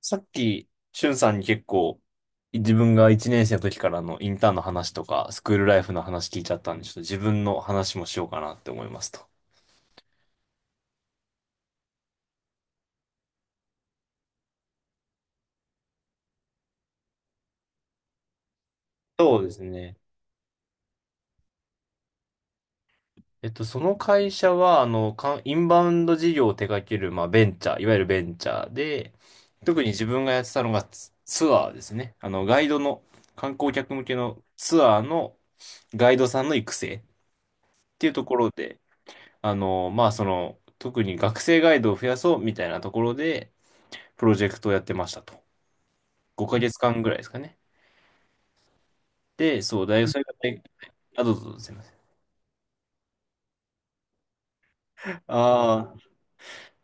さっき、しゅんさんに結構、自分が1年生の時からのインターンの話とか、スクールライフの話聞いちゃったんで、ちょっと自分の話もしようかなって思いますと。そうですね。その会社は、インバウンド事業を手掛ける、まあ、ベンチャー、いわゆるベンチャーで、特に自分がやってたのがツアーですね。あの、ガイドの、観光客向けのツアーのガイドさんの育成っていうところで、特に学生ガイドを増やそうみたいなところで、プロジェクトをやってましたと。5ヶ月間ぐらいですかね。で、そう、大学、それが大、あ、どうぞどうぞ、すいません。ああ、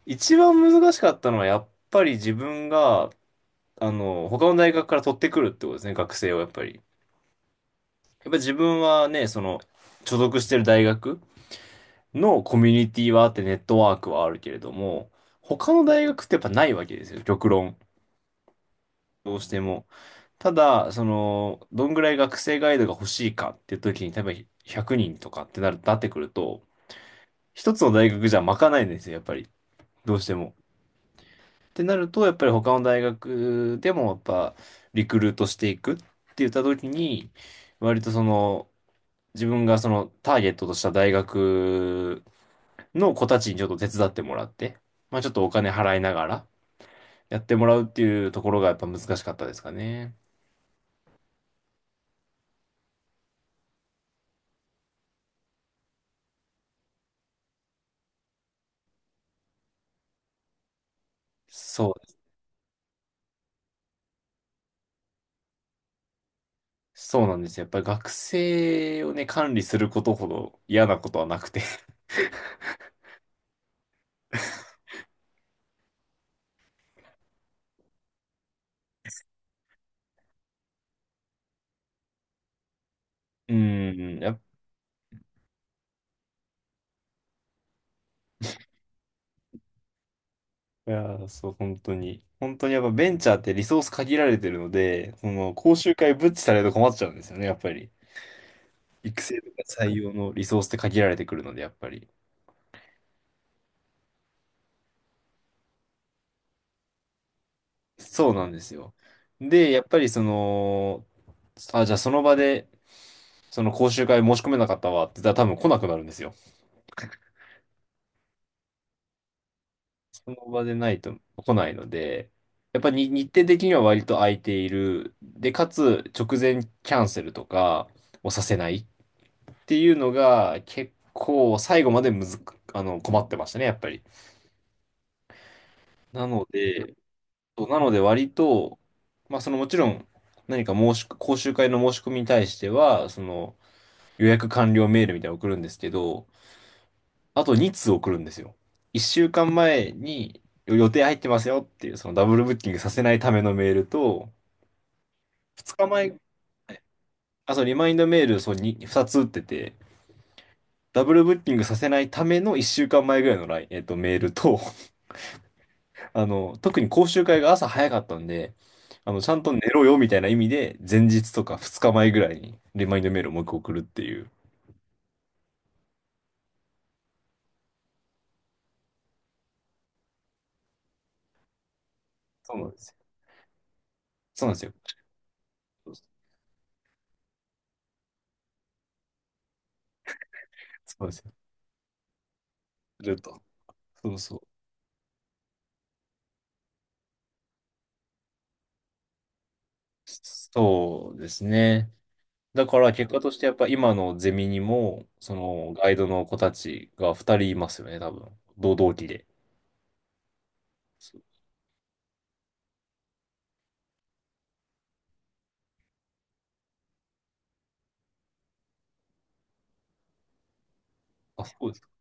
一番難しかったのは、やっぱり自分が、他の大学から取ってくるってことですね、学生をやっぱり。やっぱり自分はね、所属してる大学のコミュニティはあって、ネットワークはあるけれども、他の大学ってやっぱないわけですよ、極論。どうしても。ただ、どんぐらい学生ガイドが欲しいかっていう時に、多分100人とかってなってくると、一つの大学じゃ賄えないんですよ、やっぱり。どうしても。ってなると、やっぱり他の大学でもやっぱリクルートしていくって言った時に、割と自分がそのターゲットとした大学の子たちにちょっと手伝ってもらって、まあちょっとお金払いながらやってもらうっていうところがやっぱ難しかったですかね。そう、そうなんですよ。やっぱり学生をね、管理することほど嫌なことはなくて。うん、いやー、そう、本当に。本当にやっぱベンチャーってリソース限られてるので、講習会ブッチされると困っちゃうんですよね、やっぱり。育成とか採用のリソースって限られてくるので、やっぱり。そうなんですよ。で、やっぱりその、あ、じゃあその場で、その講習会申し込めなかったわって言ったら多分来なくなるんですよ。その場でないと来ないので、やっぱり日程的には割と空いている。で、かつ直前キャンセルとかをさせない。っていうのが結構最後までむずく、あの、困ってましたね、やっぱり。なので、割と、まあそのもちろん何か申し、講習会の申し込みに対しては、その予約完了メールみたいなの送るんですけど、あと2通送るんですよ。1週間前に予定入ってますよっていう、そのダブルブッキングさせないためのメールと、2日前、あ、そう、リマインドメール、そう、2つ打ってて、ダブルブッキングさせないための1週間前ぐらいのライン、えっと、メールと、特に講習会が朝早かったんで、ちゃんと寝ろよみたいな意味で、前日とか2日前ぐらいにリマインドメールをもう一個送るっていう。そうなんですよ。そうなんですよ。そうですよ。すると。そうそう。そうですね。だから結果としてやっぱ今のゼミにも、そのガイドの子たちが2人いますよね、多分。同期で。そうあ、そうです。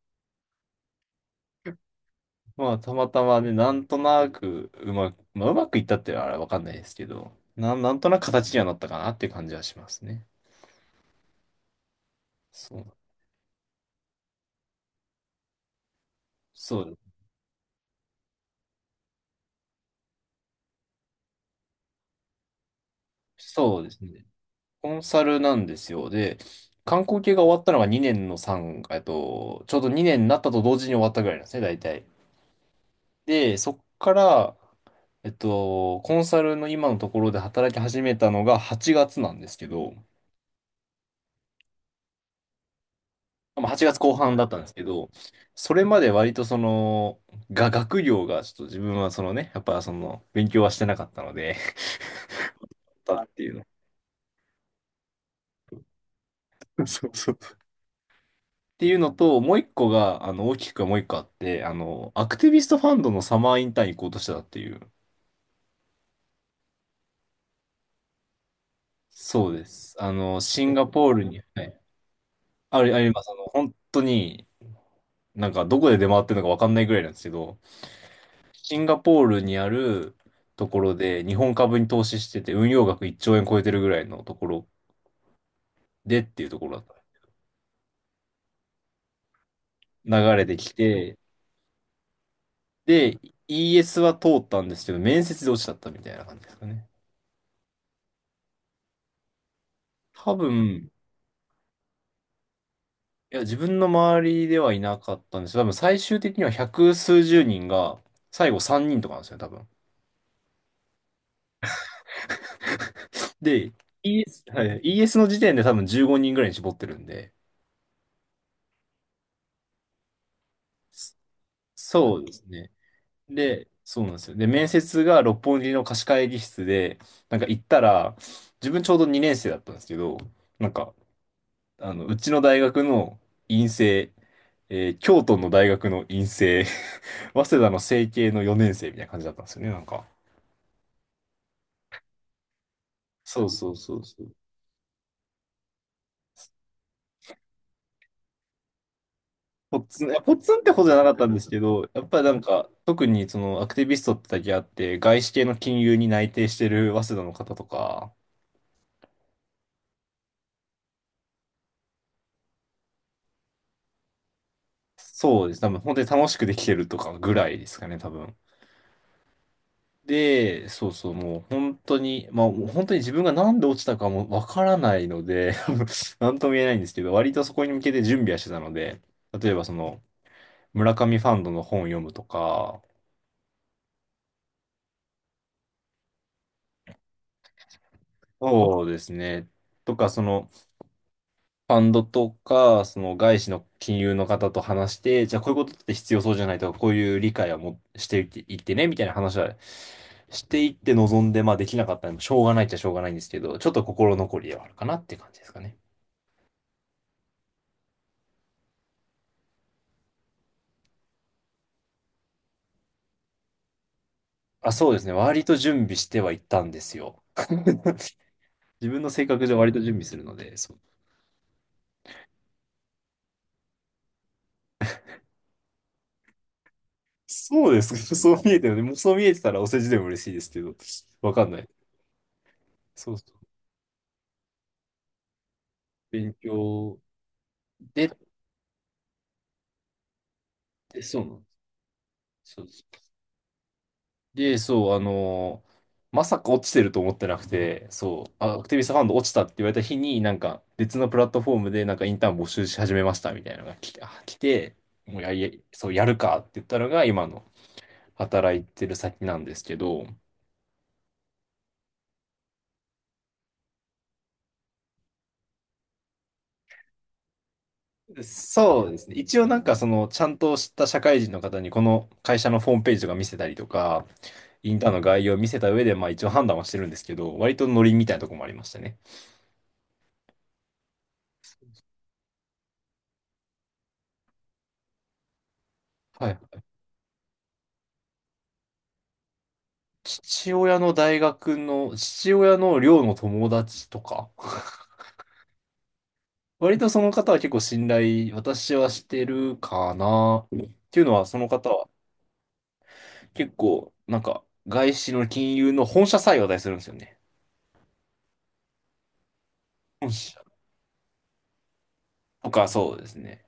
まあ、たまたまね、なんとなくうまく、まあ、うまくいったってのはあれわかんないですけど、なんとなく形にはなったかなっていう感じはしますね。そう、そう、そうですね。コンサルなんですよ。で、観光系が終わったのが2年の3、えっと、ちょうど2年になったと同時に終わったぐらいなんですね、大体。で、そっから、コンサルの今のところで働き始めたのが8月なんですけど、まあ、8月後半だったんですけど、それまで割と学業がちょっと自分はそのね、やっぱその、勉強はしてなかったので、だっていうの。そうそう。っていうのと、もう一個が、あの、大きくはもう一個あって、アクティビストファンドのサマーインターン行こうとしてたっていう。そうです。シンガポールに、はい、あります。本当に、なんかどこで出回ってるのかわかんないぐらいなんですけど、シンガポールにあるところで日本株に投資してて、運用額1兆円超えてるぐらいのところでっていうところだった。流れてきて、で、ES は通ったんですけど、面接で落ちちゃったみたいな感じですかね。多分、いや、自分の周りではいなかったんですけど、多分最終的には百数十人が、最後3人とかなんですよね、多分。で、ES、はいはい、ES の時点で多分15人ぐらいに絞ってるんで、そうですね。で、そうなんですよ。で、面接が六本木の貸し会議室で、なんか行ったら、自分ちょうど2年生だったんですけど、なんか、うちの大学の院生、京都の大学の院生、早稲田の成蹊の4年生みたいな感じだったんですよね、なんか。そうそうそうそう。ポッツン、いやポッツンってほどじゃなかったんですけど、やっぱりなんか、特にそのアクティビストってだけあって、外資系の金融に内定してる早稲田の方とか、そうです。多分本当に楽しくできてるとかぐらいですかね、多分。で、そうそう、もう本当に自分がなんで落ちたかもわからないので、なんとも言えないんですけど、割とそこに向けて準備はしてたので、例えばその、村上ファンドの本を読むとか、そうですね、とか、ファンドとか、その外資の金融の方と話して、じゃあこういうことって必要そうじゃないとか、こういう理解はもしていっていってね、みたいな話はしていって望んで、まあできなかったらしょうがないっちゃしょうがないんですけど、ちょっと心残りではあるかなって感じですかね。あ、そうですね。割と準備してはいったんですよ。自分の性格上割と準備するので、そう。そうですか。そう見えてるね。もうそう見えてたらお世辞でも嬉しいですけど、わかんない。そうそう。勉強で、でそうなんです。そうです。で、そう、まさか落ちてると思ってなくて、そう、アクティビストファンド落ちたって言われた日に、なんか別のプラットフォームでなんかインターン募集し始めましたみたいなのが来て、もうやり、そう、やるかって言ったのが今の働いてる先なんですけど、そうですね。一応なんかちゃんと知った社会人の方にこの会社のホームページとか見せたりとか、インターンの概要を見せた上で、まあ一応判断はしてるんですけど、割とノリみたいなとこもありましたね。はい。父親の大学の、父親の寮の友達とか、割とその方は結構信頼、私はしてるかな。っていうのは、その方は結構、なんか、外資の金融の本社さえ話題するんですよね。本社とか、そうですね。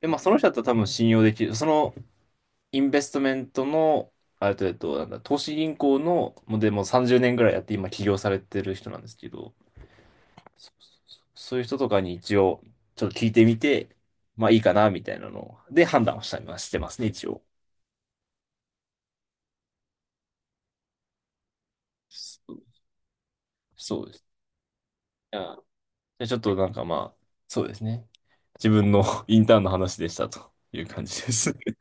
で、まあ、その人だったら多分信用できる。そのインベストメントの、あれと、えっと、なんだ、投資銀行の、もうでも30年ぐらいやって今起業されてる人なんですけど、そういう人とかに一応、ちょっと聞いてみて、まあいいかな、みたいなのを判断をしたりはしてますね、一応。そうそうです。あ、じゃあちょっとなんかまあ、そうですね。自分の インターンの話でしたという感じです。